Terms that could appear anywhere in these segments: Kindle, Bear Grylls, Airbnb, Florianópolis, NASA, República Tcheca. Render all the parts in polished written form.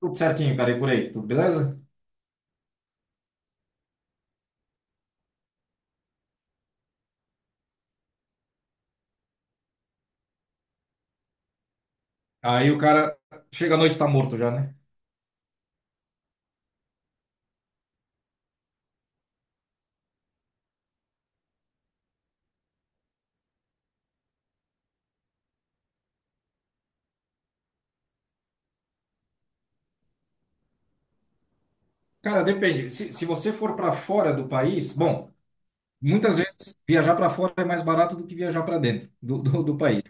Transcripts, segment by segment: Tudo certinho, cara, e por aí, tudo beleza? Aí o cara chega à noite tá morto já, né? Cara, depende. Se você for para fora do país, bom, muitas vezes viajar para fora é mais barato do que viajar para dentro do país,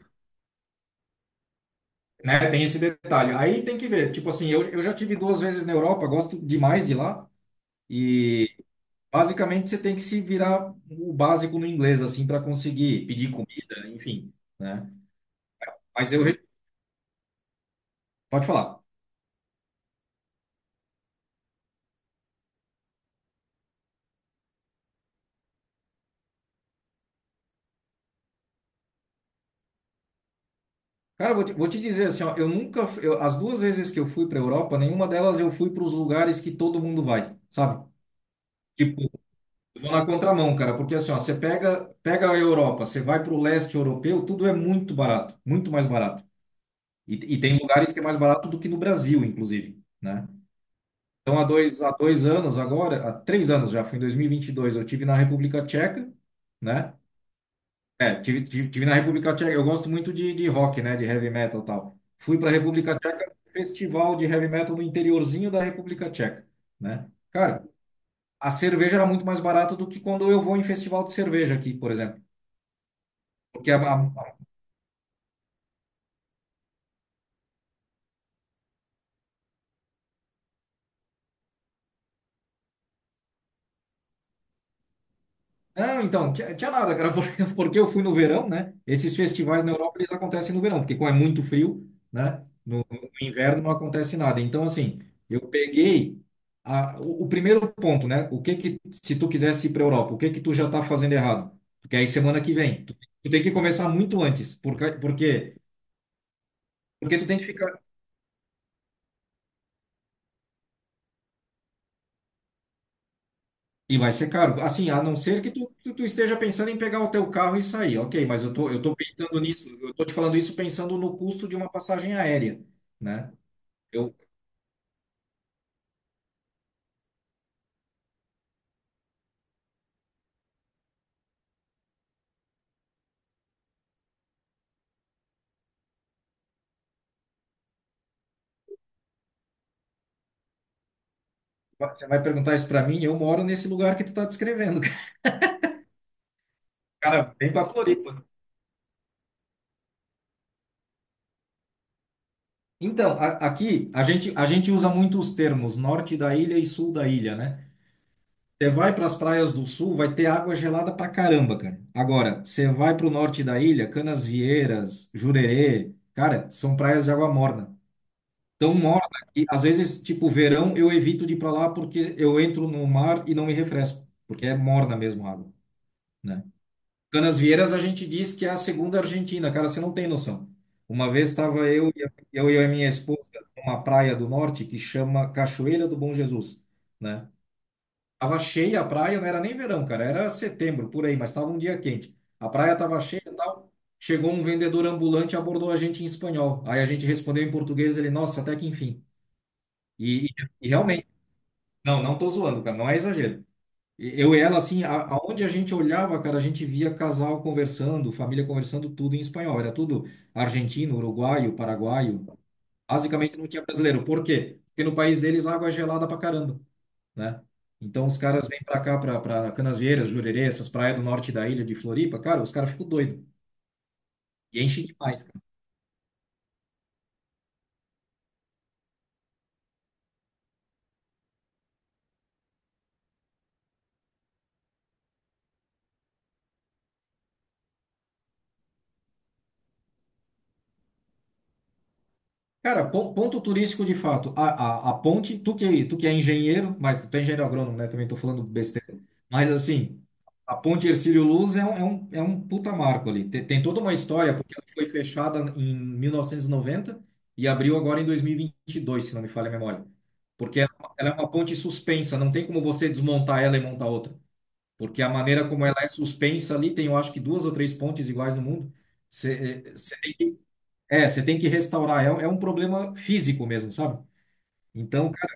né? Tem esse detalhe. Aí tem que ver. Tipo assim, eu já tive duas vezes na Europa, gosto demais de lá e basicamente você tem que se virar o básico no inglês assim para conseguir pedir comida, enfim, né? Mas eu re- Pode falar. Cara, vou te dizer assim, ó, eu nunca, fu- eu- as duas vezes que eu fui para Europa, nenhuma delas eu fui para os lugares que todo mundo vai, sabe? Tipo, eu vou na contramão, cara, porque assim, ó, você pega a Europa, você vai para o leste europeu, tudo é muito barato, muito mais barato. E tem lugares que é mais barato do que no Brasil, inclusive, né? Então, há dois anos agora, há 3 anos já, foi em 2022, eu tive na República Tcheca, né? É, tive na República Tcheca. Eu gosto muito de rock, né? De heavy metal e tal. Fui para a República Tcheca, festival de heavy metal no interiorzinho da República Tcheca, né? Cara, a cerveja era muito mais barata do que quando eu vou em festival de cerveja aqui, por exemplo. Porque a Não, então, tinha nada, cara, porque eu fui no verão, né? Esses festivais na Europa, eles acontecem no verão, porque como é muito frio, né? No inverno não acontece nada. Então, assim, eu peguei o primeiro ponto, né? O que que, se tu quisesse ir para a Europa, o que que tu já tá fazendo errado? Porque aí semana que vem, tu tem que começar muito antes, porque tu tem que ficar. E vai ser caro. Assim, a não ser que tu esteja pensando em pegar o teu carro e sair, ok, mas eu tô pensando nisso, eu tô te falando isso pensando no custo de uma passagem aérea, né? Eu, você vai perguntar isso para mim, eu moro nesse lugar que tu tá descrevendo, cara, vem para Floripa. Então, aqui a gente usa muito os termos norte da ilha e sul da ilha, né? Você vai para as praias do sul, vai ter água gelada pra caramba, cara. Agora, você vai para o norte da ilha, Canasvieiras, Jurerê, cara, são praias de água morna. Tão morna que às vezes, tipo, verão eu evito de ir para lá porque eu entro no mar e não me refresco, porque é morna mesmo a água, né? Canasvieiras a gente diz que é a segunda Argentina, cara, você não tem noção. Uma vez estava eu e a minha esposa numa praia do norte que chama Cachoeira do Bom Jesus, né? Tava cheia a praia, não era nem verão, cara, era setembro por aí, mas estava um dia quente. A praia tava cheia e tal. Chegou um vendedor ambulante e abordou a gente em espanhol. Aí a gente respondeu em português, ele, nossa, até que enfim. E, e realmente, não, não tô zoando, cara, não é exagero. Eu e ela, assim, aonde a gente olhava, cara, a gente via casal conversando, família conversando, tudo em espanhol. Era tudo argentino, uruguaio, paraguaio. Basicamente não tinha brasileiro. Por quê? Porque no país deles a água é gelada pra caramba, né? Então os caras vêm pra cá, pra Canasvieiras, Jurerê, essas praias do norte da ilha de Floripa, cara, os caras ficam doidos. E enchem demais. Cara, ponto turístico de fato. A ponte, tu que é engenheiro, mas tu é engenheiro agrônomo, né? Também tô falando besteira. Mas assim, a ponte Hercílio Luz é um puta marco ali. Tem toda uma história, porque ela foi fechada em 1990 e noventa e abriu agora em 2022, se não me falha a memória. Porque ela é uma ponte suspensa, não tem como você desmontar ela e montar outra. Porque a maneira como ela é suspensa ali, tem eu acho que duas ou três pontes iguais no mundo. Você você tem que restaurar. É um problema físico mesmo, sabe? Então, cara,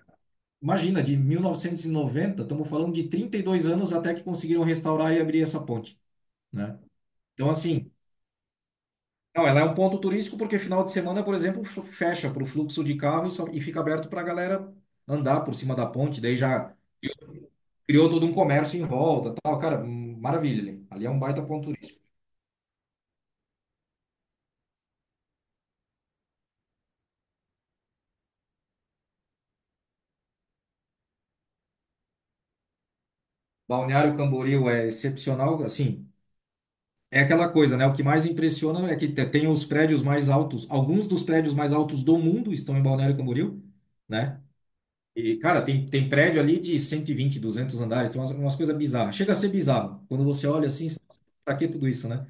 imagina, de 1990, estamos falando de 32 anos até que conseguiram restaurar e abrir essa ponte, né? Então, assim, não, ela é um ponto turístico porque final de semana, por exemplo, fecha para o fluxo de carro e fica aberto para a galera andar por cima da ponte. Daí já criou todo um comércio em volta, tal. Cara, maravilha ali. Ali é um baita ponto turístico. Balneário Camboriú é excepcional, assim. É aquela coisa, né? O que mais impressiona é que tem os prédios mais altos, alguns dos prédios mais altos do mundo estão em Balneário Camboriú, né? E, cara, tem prédio ali de 120, 200 andares, tem umas coisas bizarras. Chega a ser bizarro. Quando você olha assim, você fala, assim, pra que tudo isso, né?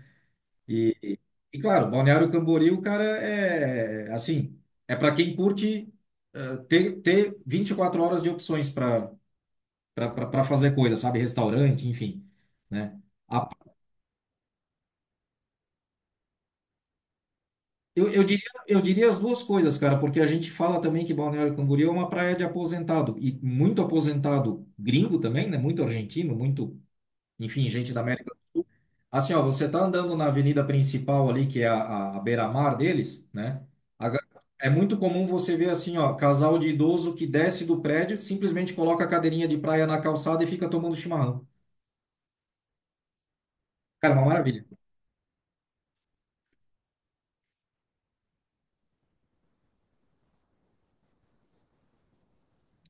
E, e, e, claro, Balneário Camboriú, cara, é assim, é para quem curte ter 24 horas de opções para fazer coisa, sabe? Restaurante, enfim, né? A Eu diria, eu diria as duas coisas, cara, porque a gente fala também que Balneário Camboriú é uma praia de aposentado, e muito aposentado gringo também, né? Muito argentino, muito, enfim, gente da América do Sul. Assim, ó, você tá andando na avenida principal ali, que é a beira-mar deles, né? A ga- É muito comum você ver assim, ó, casal de idoso que desce do prédio, simplesmente coloca a cadeirinha de praia na calçada e fica tomando chimarrão. Cara, é uma maravilha.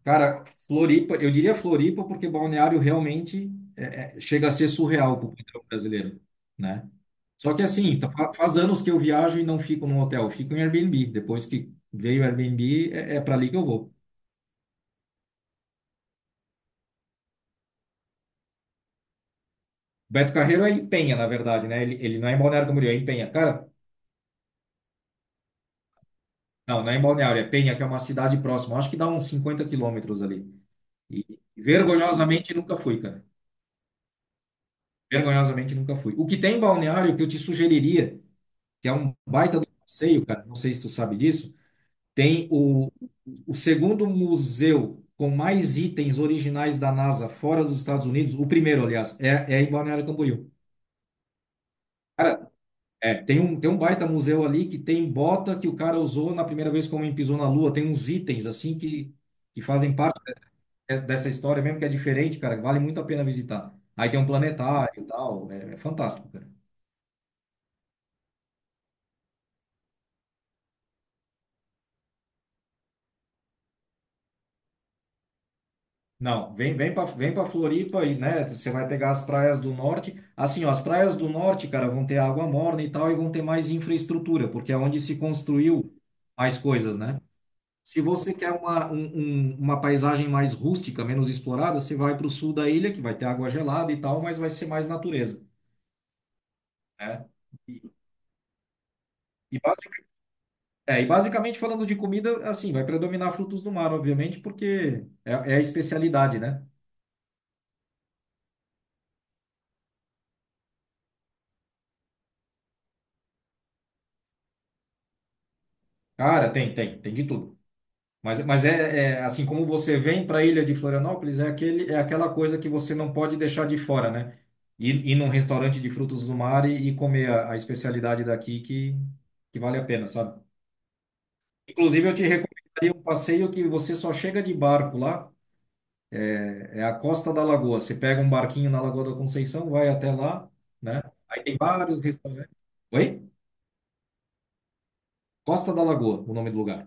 Cara, Floripa, eu diria Floripa porque Balneário realmente chega a ser surreal para o padrão brasileiro, né? Só que assim, tá, faz anos que eu viajo e não fico num hotel, eu fico em Airbnb. Depois que veio o Airbnb, é para ali que eu vou. Beto Carreiro é em Penha, na verdade, né? Ele não é em Balneário Camboriú, é em Penha. Cara, não, não é em Balneário, é Penha, que é uma cidade próxima. Acho que dá uns 50 quilômetros ali. E vergonhosamente nunca fui, cara. Vergonhosamente nunca fui. O que tem em Balneário que eu te sugeriria, que é um baita do passeio, cara. Não sei se tu sabe disso. Tem o segundo museu com mais itens originais da NASA fora dos Estados Unidos. O primeiro, aliás, é em Balneário Camboriú. Cara, tem um baita museu ali que tem bota que o cara usou na primeira vez que o homem pisou na Lua. Tem uns itens assim que fazem parte dessa história mesmo, que é diferente, cara. Vale muito a pena visitar. Aí tem um planetário e tal. É fantástico, cara. Não, vem para Floripa aí, né? Você vai pegar as praias do norte. Assim, ó, as praias do norte, cara, vão ter água morna e tal, e vão ter mais infraestrutura, porque é onde se construiu mais coisas, né? Se você quer uma paisagem mais rústica, menos explorada, você vai para o sul da ilha, que vai ter água gelada e tal, mas vai ser mais natureza, né? E, e basic- e basicamente falando de comida, assim, vai predominar frutos do mar, obviamente, porque é a especialidade, né? Cara, tem de tudo. Mas é assim como você vem para a ilha de Florianópolis, é aquela coisa que você não pode deixar de fora, né? Ir num restaurante de frutos do mar e comer a especialidade daqui que vale a pena, sabe? Inclusive, eu te recomendaria um passeio que você só chega de barco lá, é a Costa da Lagoa. Você pega um barquinho na Lagoa da Conceição, vai até lá, né? Aí tem vários restaurantes. Oi? Costa da Lagoa, o nome do lugar.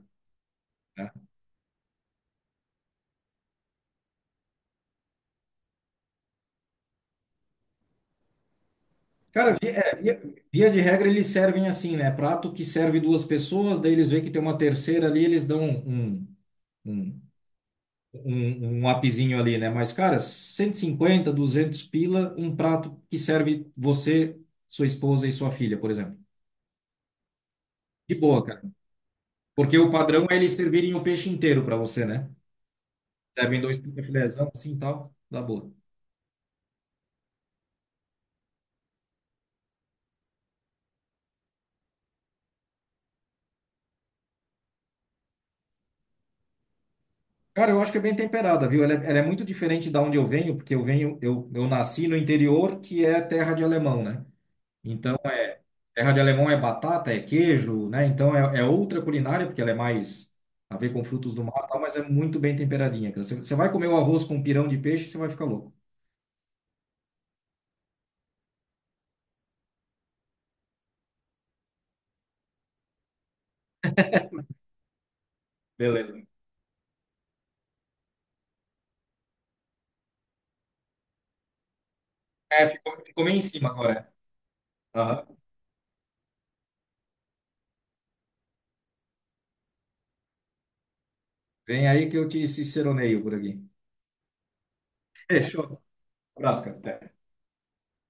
Cara, via de regra eles servem assim, né? Prato que serve duas pessoas, daí eles veem que tem uma terceira ali, eles dão um, um, um upzinho ali, né? Mas, cara, 150, 200 pila, um prato que serve você, sua esposa e sua filha, por exemplo. De boa, cara. Porque o padrão é eles servirem o peixe inteiro para você, né? Servem dois filézão assim e tal, dá boa. Cara, eu acho que é bem temperada, viu? Ela é muito diferente da onde eu venho, porque eu venho, eu nasci no interior, que é terra de alemão, né? Então, terra de alemão é batata, é queijo, né? Então é outra culinária, porque ela é mais a ver com frutos do mar, e tal, mas é muito bem temperadinha, cara. Você vai comer o arroz com pirão de peixe, você vai ficar louco. Beleza. É, ficou meio em cima agora. Aham. Vem aí que eu te ciceroneio por aqui. Fechou. Abraço, cara. Até.